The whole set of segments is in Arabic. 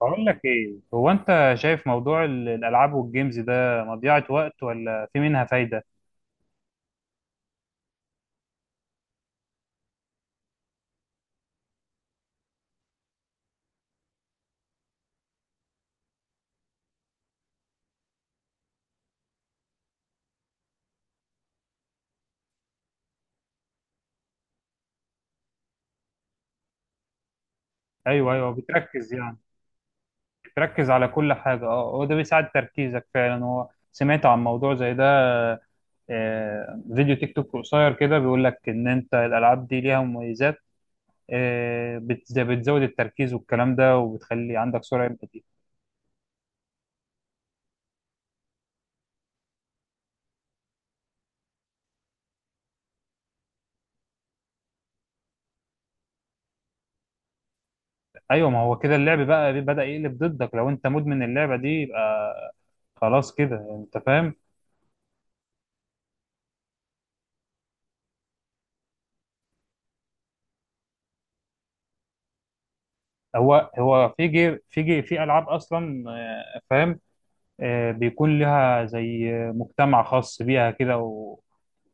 بقول لك ايه؟ هو انت شايف موضوع الالعاب والجيمز ده مضيعة وقت ولا في منها فايدة؟ ايوه ايوه، بتركز يعني، بتركز على كل حاجة. اه، هو ده بيساعد تركيزك فعلا. هو سمعت عن موضوع زي ده؟ فيديو تيك توك قصير كده بيقول لك ان انت الالعاب دي ليها مميزات. بتزود التركيز والكلام ده، وبتخلي عندك سرعة بديهة. ايوه، ما هو كده اللعب بقى بدأ يقلب ضدك. لو انت مدمن اللعبة دي يبقى خلاص كده، انت فاهم. هو في جي في العاب اصلا. فاهم، بيكون لها زي مجتمع خاص بيها كده، و...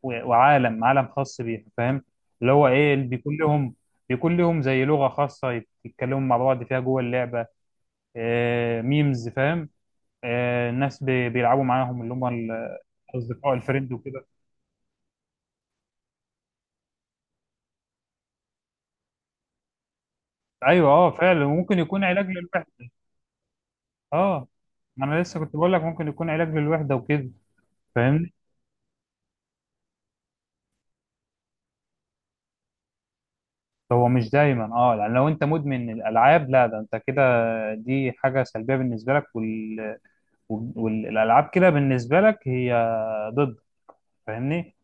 و- وعالم خاص بيها، فاهم؟ اللي هو ايه اللي بيكون لهم، بيكون لهم زي لغة خاصة يتكلموا مع بعض فيها جوه اللعبة. آه، ميمز، فاهم. آه، الناس بيلعبوا معاهم، اللي هم الاصدقاء، الفريند وكده. ايوه اه، فعلا ممكن يكون علاج للوحدة. اه، ما انا لسه كنت بقول لك ممكن يكون علاج للوحدة وكده، فاهمني؟ هو مش دايما اه، يعني لو انت مدمن الالعاب لا، ده انت كده دي حاجه سلبيه بالنسبه لك، والالعاب كده بالنسبه لك هي ضد، فاهمني؟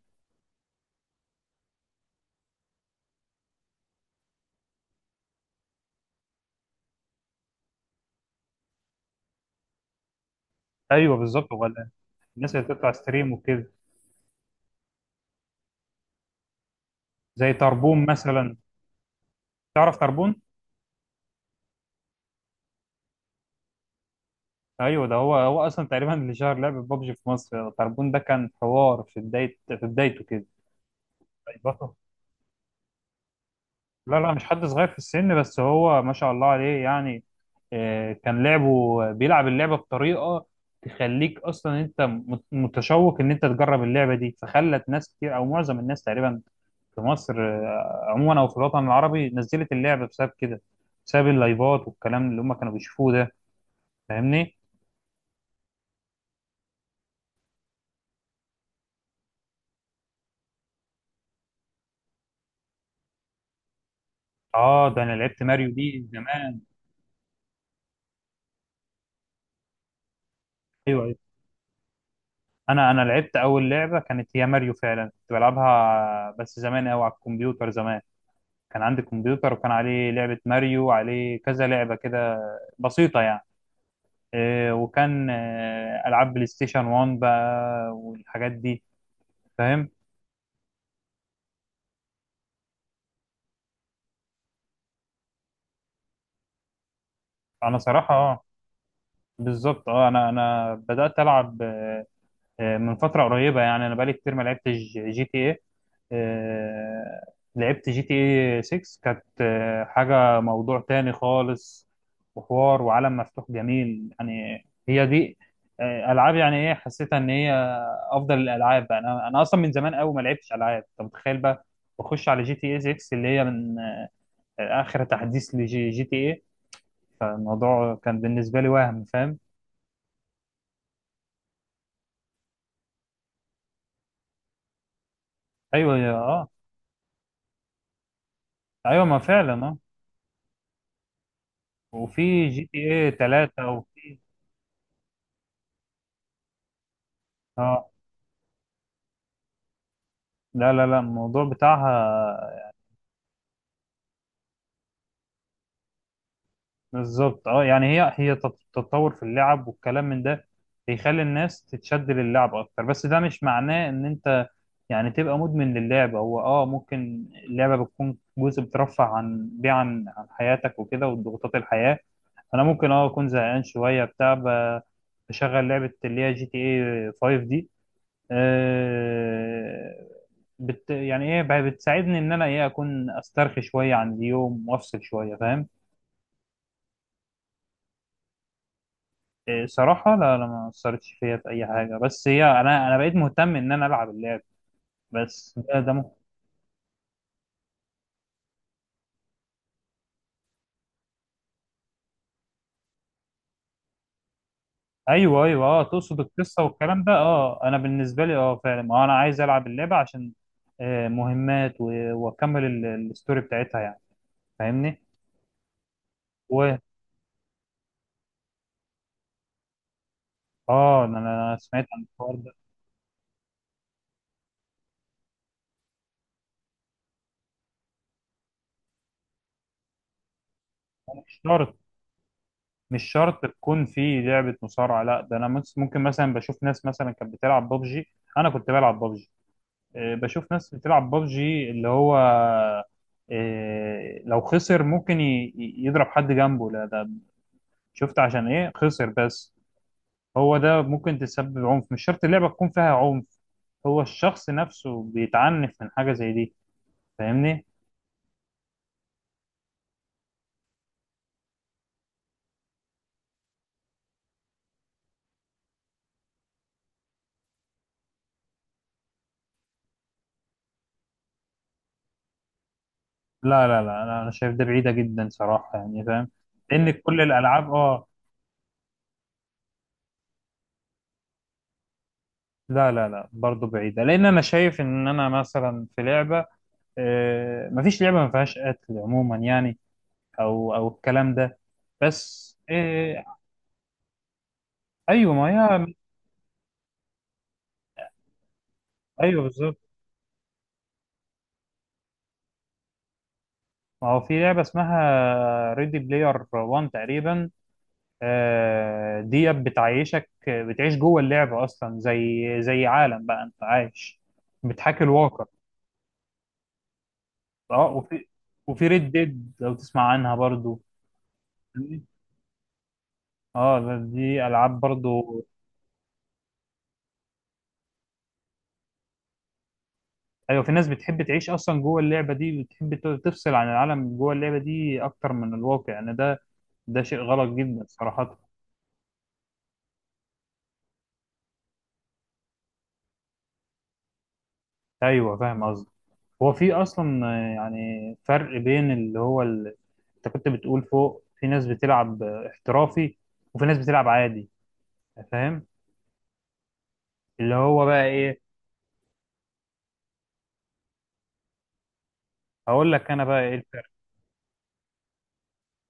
ايوه بالظبط. هو الناس اللي بتطلع ستريم وكده، زي تربون مثلا. تعرف تربون؟ ايوه، ده هو هو اصلا تقريبا اللي شهر لعبه ببجي في مصر. تربون ده كان حوار في بدايه في بدايته كده. لا لا، مش حد صغير في السن، بس هو ما شاء الله عليه يعني. كان لعبه بيلعب اللعبة بطريقة تخليك أصلا أنت متشوق إن أنت تجرب اللعبة دي، فخلت ناس كتير أو معظم الناس تقريبا في مصر عموما، أو في الوطن العربي نزلت اللعبة بسبب كده، بسبب اللايفات والكلام اللي هم كانوا بيشوفوه ده، فاهمني؟ آه، ده أنا لعبت ماريو دي زمان. أيوه أيوه، أنا لعبت أول لعبة كانت هي ماريو فعلا، كنت بلعبها بس زمان أوي على الكمبيوتر زمان. كان عندي كمبيوتر وكان عليه لعبة ماريو وعليه كذا لعبة كده بسيطة يعني. إيه، وكان ألعاب بلاي ستيشن 1 بقى والحاجات دي، فاهم. أنا صراحة اه، بالظبط اه، أنا بدأت ألعب من فترة قريبة يعني. أنا بقالي كتير ما لعبتش جي تي إيه. لعبت جي تي إيه 6 كانت حاجة موضوع تاني خالص، وحوار وعالم مفتوح جميل يعني. هي دي ألعاب يعني، إيه حسيتها إن هي أفضل الألعاب بقى. أنا أصلا من زمان أوي ما لعبتش ألعاب، أنت متخيل بقى. بخش على جي تي إيه 6 اللي هي من آخر تحديث لجي تي إيه. فالموضوع كان بالنسبة لي وهم، فاهم. أيوه، أه. أيوه، ما فعلا وفي جي تي ايه 3 وفي اه. لا لا لا، الموضوع بتاعها بالظبط اه. يعني هي هي تتطور في اللعب والكلام من ده، بيخلي الناس تتشد للعب اكتر. بس ده مش معناه ان انت يعني تبقى مدمن للعبة. هو اه، ممكن اللعبة بتكون جزء بترفع عن بيه، عن حياتك وكده وضغوطات الحياة. انا ممكن اه اكون زهقان شوية بتاع، بشغل لعبة اللي هي جي تي ايه 5 دي. آه، بت يعني ايه، بتساعدني ان انا ايه اكون استرخي شويه عن اليوم وافصل شويه، فاهم. إيه صراحه لا لا، ما اثرتش فيا في اي حاجه. بس هي انا بقيت مهتم ان انا العب اللعب بس. ايوه ايوه اه، تقصد القصه والكلام ده. اه، انا بالنسبه لي اه فعلا ما انا عايز العب اللعبه عشان مهمات واكمل الستوري بتاعتها يعني، فاهمني. و اه، انا أنا سمعت عن الحوار ده. مش شرط، مش شرط تكون في لعبة مصارعة. لا ده انا ممكن مثلا بشوف ناس مثلا كانت بتلعب بابجي، انا كنت بلعب بابجي. بشوف ناس بتلعب بابجي اللي هو لو خسر ممكن يضرب حد جنبه. لا ده شفت عشان ايه خسر بس. هو ده ممكن تسبب عنف، مش شرط اللعبة تكون فيها عنف، هو الشخص نفسه بيتعنف من حاجة زي دي، فاهمني. لا لا لا، انا أنا شايف ده بعيدة جدا صراحة يعني، فاهم. لان كل الالعاب اه، لا لا لا برضه بعيدة. لأن أنا شايف إن أنا مثلا في لعبة مفيش لعبة ما فيهاش قتل عموما يعني، أو الكلام ده بس أيوه ما هي. أيوه بالظبط، ما هو في لعبة اسمها ريدي بلاير 1 تقريبا. دي بتعيشك، بتعيش جوه اللعبة أصلا زي زي عالم بقى أنت عايش، بتحاكي الواقع. أه، وفي ريد ديد لو تسمع عنها برضه. اه، دي العاب برضو. ايوه، في ناس بتحب تعيش اصلا جوه اللعبه دي، بتحب تفصل عن العالم جوه اللعبه دي اكتر من الواقع. يعني ده ده شيء غلط جدا صراحه. ايوه، فاهم قصدي. هو في اصلا يعني فرق بين اللي هو انت كنت بتقول فوق في ناس بتلعب احترافي، وفي ناس بتلعب عادي، فاهم. اللي هو بقى ايه، هقول لك انا بقى ايه الفرق.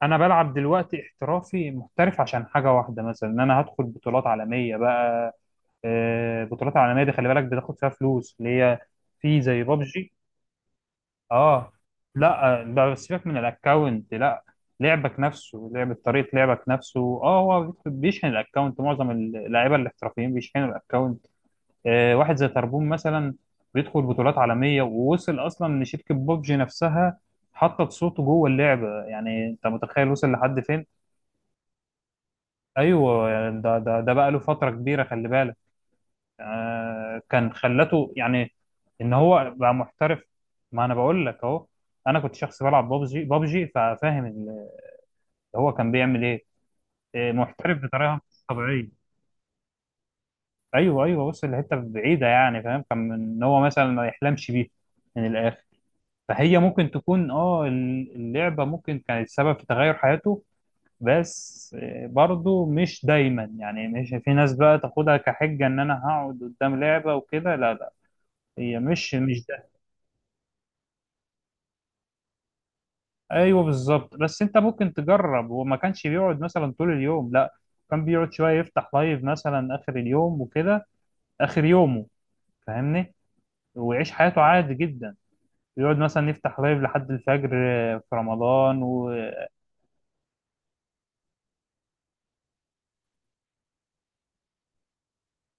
انا بلعب دلوقتي احترافي محترف عشان حاجه واحده، مثلا ان انا هدخل بطولات عالميه بقى. بطولات عالميه دي خلي بالك بتاخد فيها فلوس، اللي هي في زي بابجي. اه لا، بقى سيبك من الاكونت، لا لعبك نفسه، لعبة طريقة لعبك نفسه. اه هو بيشحن الاكونت، معظم اللعيبة الاحترافيين بيشحنوا الاكونت. واحد زي تربون مثلا، بيدخل بطولات عالمية، ووصل اصلا ان شركة بوبجي نفسها حطت صوته جوه اللعبة. يعني انت متخيل وصل لحد فين؟ ايوه يعني ده ده بقى له فترة كبيرة خلي بالك. كان خلته يعني ان هو بقى محترف. ما انا بقول لك اهو، انا كنت شخص بلعب بابجي ففاهم هو كان بيعمل ايه، محترف بطريقه مش طبيعيه. ايوه ايوه، بص الحته بعيده يعني فاهم، كان ان هو مثلا ما يحلمش بيه من الاخر. فهي ممكن تكون اه اللعبه ممكن كانت سبب في تغير حياته. بس برضه مش دايما يعني، مش في ناس بقى تاخدها كحجه ان انا هقعد قدام لعبه وكده، لا لا، هي مش مش. ايوه بالظبط، بس انت ممكن تجرب. وما كانش بيقعد مثلا طول اليوم لا، كان بيقعد شويه يفتح لايف مثلا اخر اليوم وكده، اخر يومه، فاهمني، ويعيش حياته عادي جدا. يقعد مثلا يفتح لايف لحد الفجر في رمضان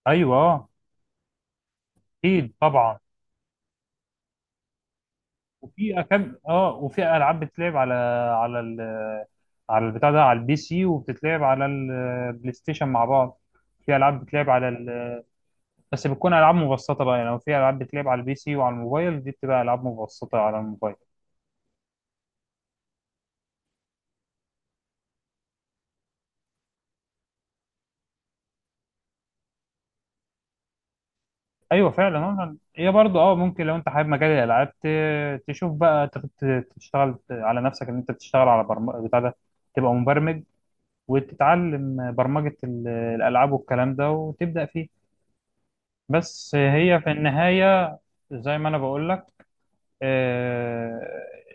ايوه اكيد طبعا. اه، وفي العاب بتتلعب على على على البتاع ده، على البي سي، وبتتلعب على البلاي ستيشن مع بعض. في العاب بتتلعب على، بس بتكون العاب مبسطه بقى يعني. لو في العاب بتلعب على البي سي وعلى الموبايل، دي بتبقى العاب مبسطه على الموبايل. ايوه فعلا يعني هي برضه اه ممكن لو انت حابب مجال الالعاب تشوف بقى تشتغل على نفسك ان انت بتشتغل على برمجه بتاع ده، تبقى مبرمج، وتتعلم برمجه الالعاب والكلام ده وتبدا فيه. بس هي في النهايه، زي ما انا بقول لك آه،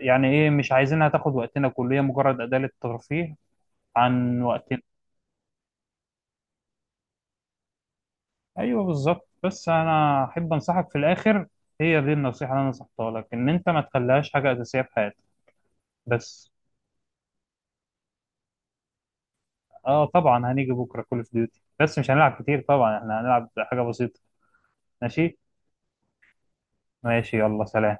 يعني ايه، مش عايزينها تاخد وقتنا كله، هي مجرد اداه للترفيه عن وقتنا. ايوه بالظبط، بس انا احب انصحك في الاخر، هي دي النصيحه اللي انا نصحتها لك، ان انت ما تخليهاش حاجه اساسيه في حياتك. بس اه طبعا، هنيجي بكره كول اوف ديوتي، بس مش هنلعب كتير طبعا، احنا هنلعب حاجه بسيطه. ماشي ماشي، يلا سلام.